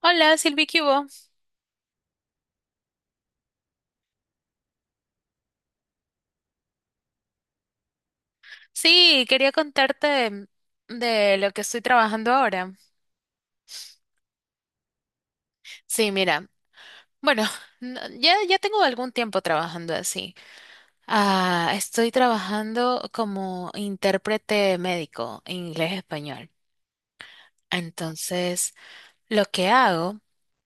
Hola, Silvi, ¿qué hubo? Sí, quería contarte de lo que estoy trabajando ahora. Sí, mira, bueno, ya tengo algún tiempo trabajando así. Ah, estoy trabajando como intérprete médico, inglés-español. Entonces, lo que hago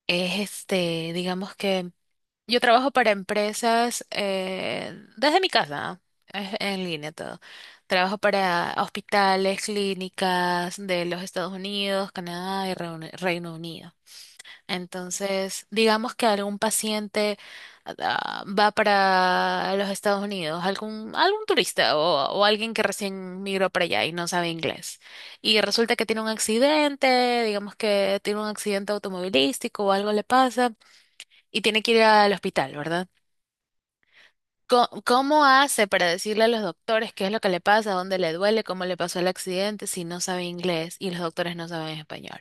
es digamos que yo trabajo para empresas desde mi casa, es en línea todo. Trabajo para hospitales, clínicas de los Estados Unidos, Canadá y Reino Unido. Entonces, digamos que algún paciente va para los Estados Unidos, algún turista o alguien que recién migró para allá y no sabe inglés. Y resulta que tiene un accidente, digamos que tiene un accidente automovilístico o algo le pasa y tiene que ir al hospital, ¿verdad? ¿Cómo hace para decirle a los doctores qué es lo que le pasa, dónde le duele, cómo le pasó el accidente, si no sabe inglés y los doctores no saben español?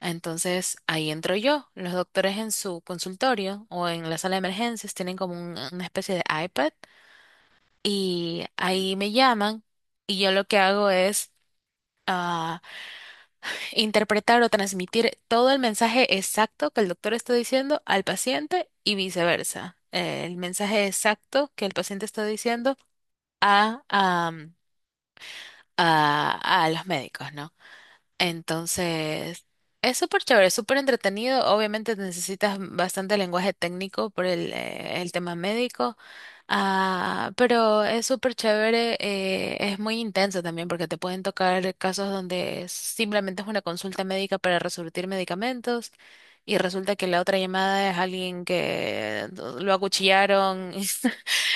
Entonces ahí entro yo. Los doctores en su consultorio o en la sala de emergencias tienen como una especie de iPad y ahí me llaman y yo lo que hago es ah, interpretar o transmitir todo el mensaje exacto que el doctor está diciendo al paciente y viceversa. El mensaje exacto que el paciente está diciendo a, am, a, a los médicos, ¿no? Entonces, es súper chévere, es súper entretenido. Obviamente necesitas bastante lenguaje técnico por el tema médico, pero es súper chévere, es muy intenso también porque te pueden tocar casos donde simplemente es una consulta médica para resurtir medicamentos y resulta que la otra llamada es alguien que lo acuchillaron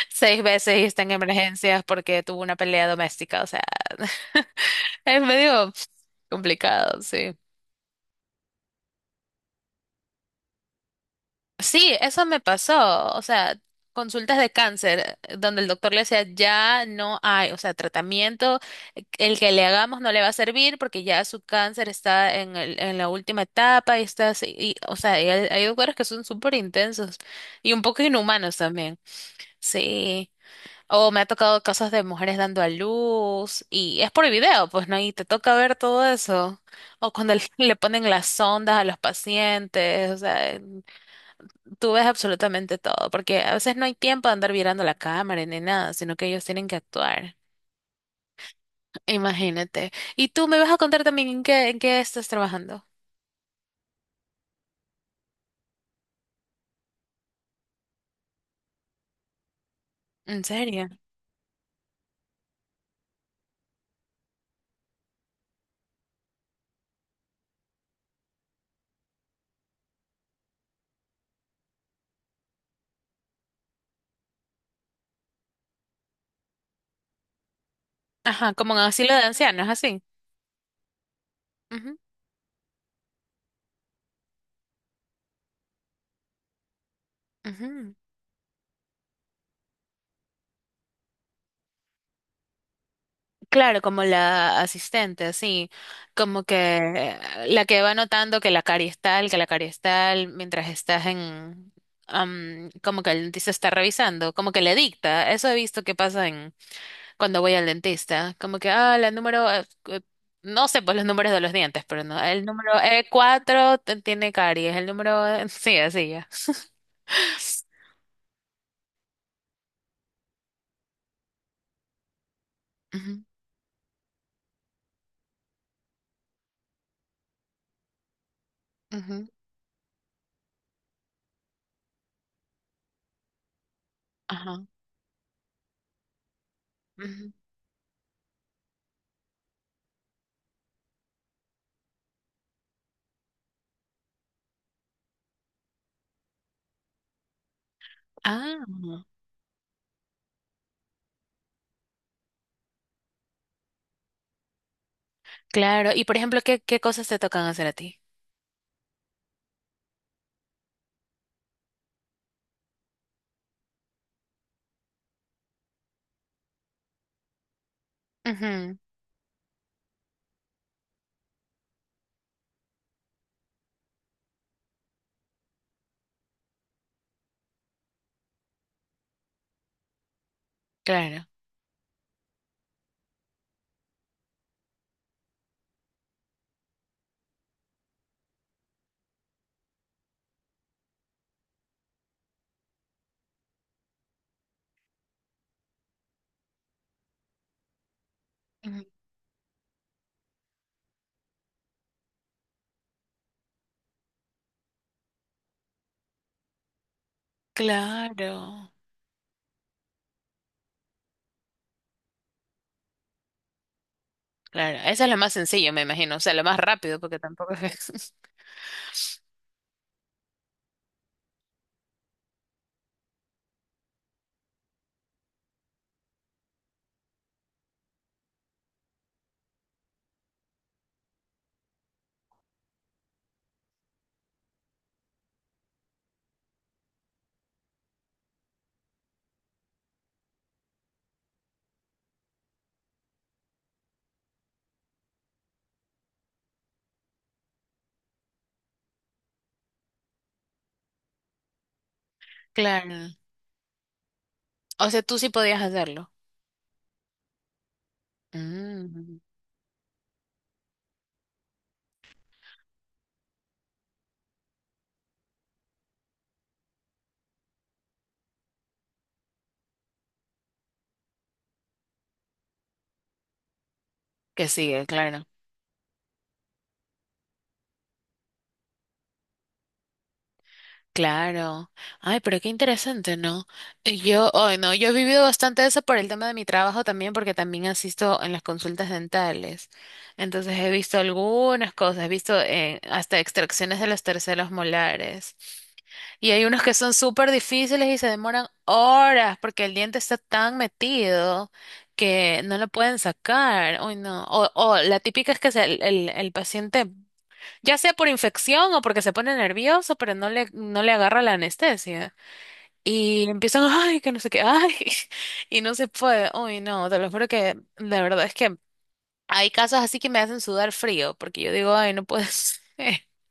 seis veces y está en emergencias porque tuvo una pelea doméstica, o sea. Es medio complicado, sí. Sí, eso me pasó. O sea, consultas de cáncer donde el doctor le decía, ya no hay, o sea, tratamiento, el que le hagamos no le va a servir porque ya su cáncer está en en la última etapa y está así. Y, o sea, y hay doctores que son súper intensos y un poco inhumanos también. Sí. O me ha tocado casos de mujeres dando a luz y es por video, pues no, y te toca ver todo eso. O cuando le ponen las sondas a los pacientes, o sea, tú ves absolutamente todo, porque a veces no hay tiempo de andar mirando la cámara ni nada, sino que ellos tienen que actuar. Imagínate. Y tú me vas a contar también en en qué estás trabajando. ¿En serio? Ajá, como en asilo de ancianos, así. Ujú, ujú. Claro, como la asistente, sí, como que eh, la que va notando que la carie es tal, que la carie es tal, mientras estás en, como que el dentista está revisando, como que le dicta. Eso he visto que pasa en cuando voy al dentista, como que, la número, no sé pues los números de los dientes, pero no, el número E4 tiene caries, el número, sí, así ya. Ujú, ujú, ajá, ujú. Ah, claro. Y por ejemplo, qué cosas te tocan hacer a ti? Ujú, claro. Ujú, claro. Claro. Esa es la más sencilla, me imagino. O sea, la más rápido, porque tampoco es. Claro. O sea, tú sí podías hacerlo. Mm, que sigue, claro. Claro. Ay, pero qué interesante, ¿no? Y yo, ay, no, yo he vivido bastante eso por el tema de mi trabajo también, porque también asisto en las consultas dentales. Entonces he visto algunas cosas, he visto hasta extracciones de los terceros molares. Y hay unos que son súper difíciles y se demoran horas porque el diente está tan metido que no lo pueden sacar. Uy, no. O la típica es que el paciente, ya sea por infección o porque se pone nervioso, pero no le agarra la anestesia. Y empiezan, ay, que no sé qué, ay, y no se puede. Uy, no, te lo juro que la verdad es que hay casos así que me hacen sudar frío porque yo digo, ay, no puedes.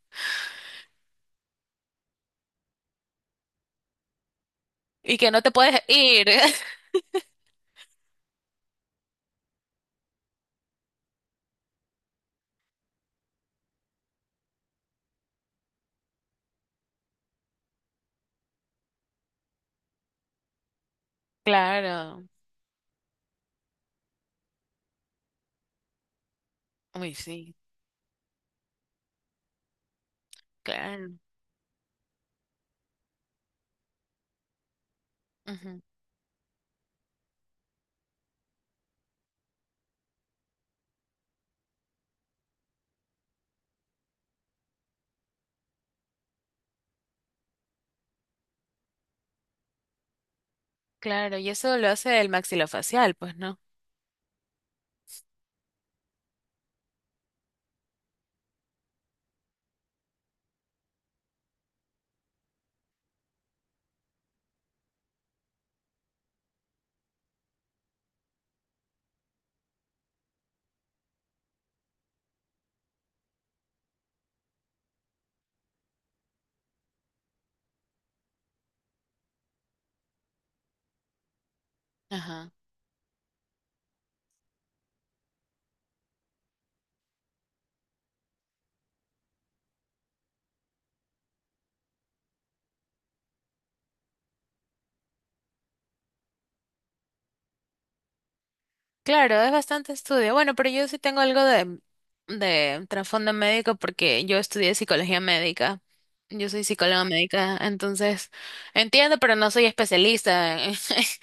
Y que no te puedes ir. Claro. Uy, sí. Claro, ujú, claro, y eso lo hace el maxilofacial, pues, ¿no? Ajá. Claro, es bastante estudio. Bueno, pero yo sí tengo algo de trasfondo médico porque yo estudié psicología médica. Yo soy psicóloga médica, entonces entiendo, pero no soy especialista en,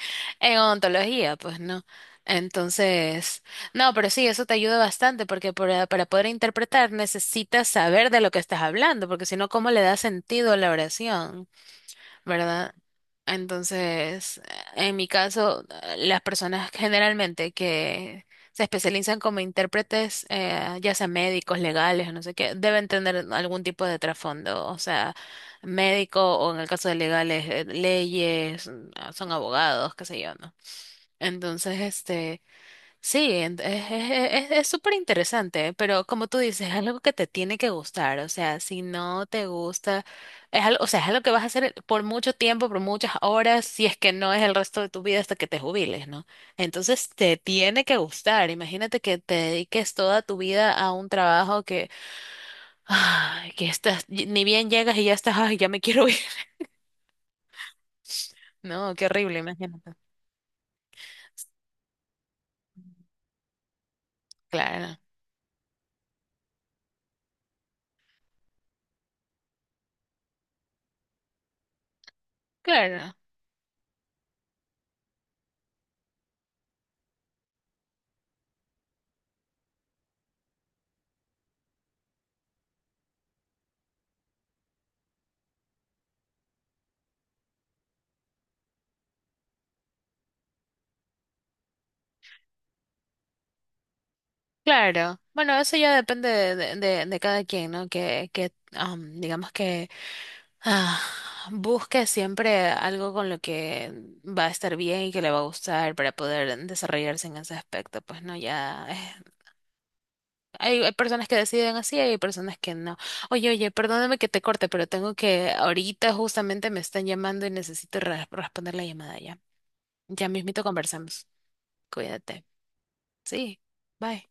en odontología, pues, ¿no? Entonces, no, pero sí, eso te ayuda bastante porque para poder interpretar necesitas saber de lo que estás hablando, porque si no, ¿cómo le da sentido a la oración? ¿Verdad? Entonces, en mi caso, las personas generalmente que se especializan como intérpretes, ya sea médicos, legales, o no sé qué, deben tener algún tipo de trasfondo, o sea, médico o en el caso de legales, leyes, mm, son abogados, qué sé yo, ¿no? Entonces, este... Sí, es súper interesante, pero como tú dices, es algo que te tiene que gustar, o sea, si no te gusta, es algo, o sea, es algo que vas a hacer por mucho tiempo, por muchas horas, si es que no es el resto de tu vida hasta que te jubiles, ¿no? Entonces te tiene que gustar, imagínate que te dediques toda tu vida a un trabajo que, ay, que estás, ni bien llegas y ya estás, ay, ya me quiero ir, no, qué horrible, imagínate. Claro, claro. Claro, bueno, eso ya depende de cada quien, ¿no? Que digamos que ah, busque siempre algo con lo que va a estar bien y que le va a gustar para poder desarrollarse en ese aspecto. Pues no, ya hay personas que deciden así, hay personas que no. Oye, oye, perdóname que te corte, pero tengo que, ahorita justamente me están llamando y necesito responder la llamada ya. Ya mismito conversamos. Cuídate. Sí, bye.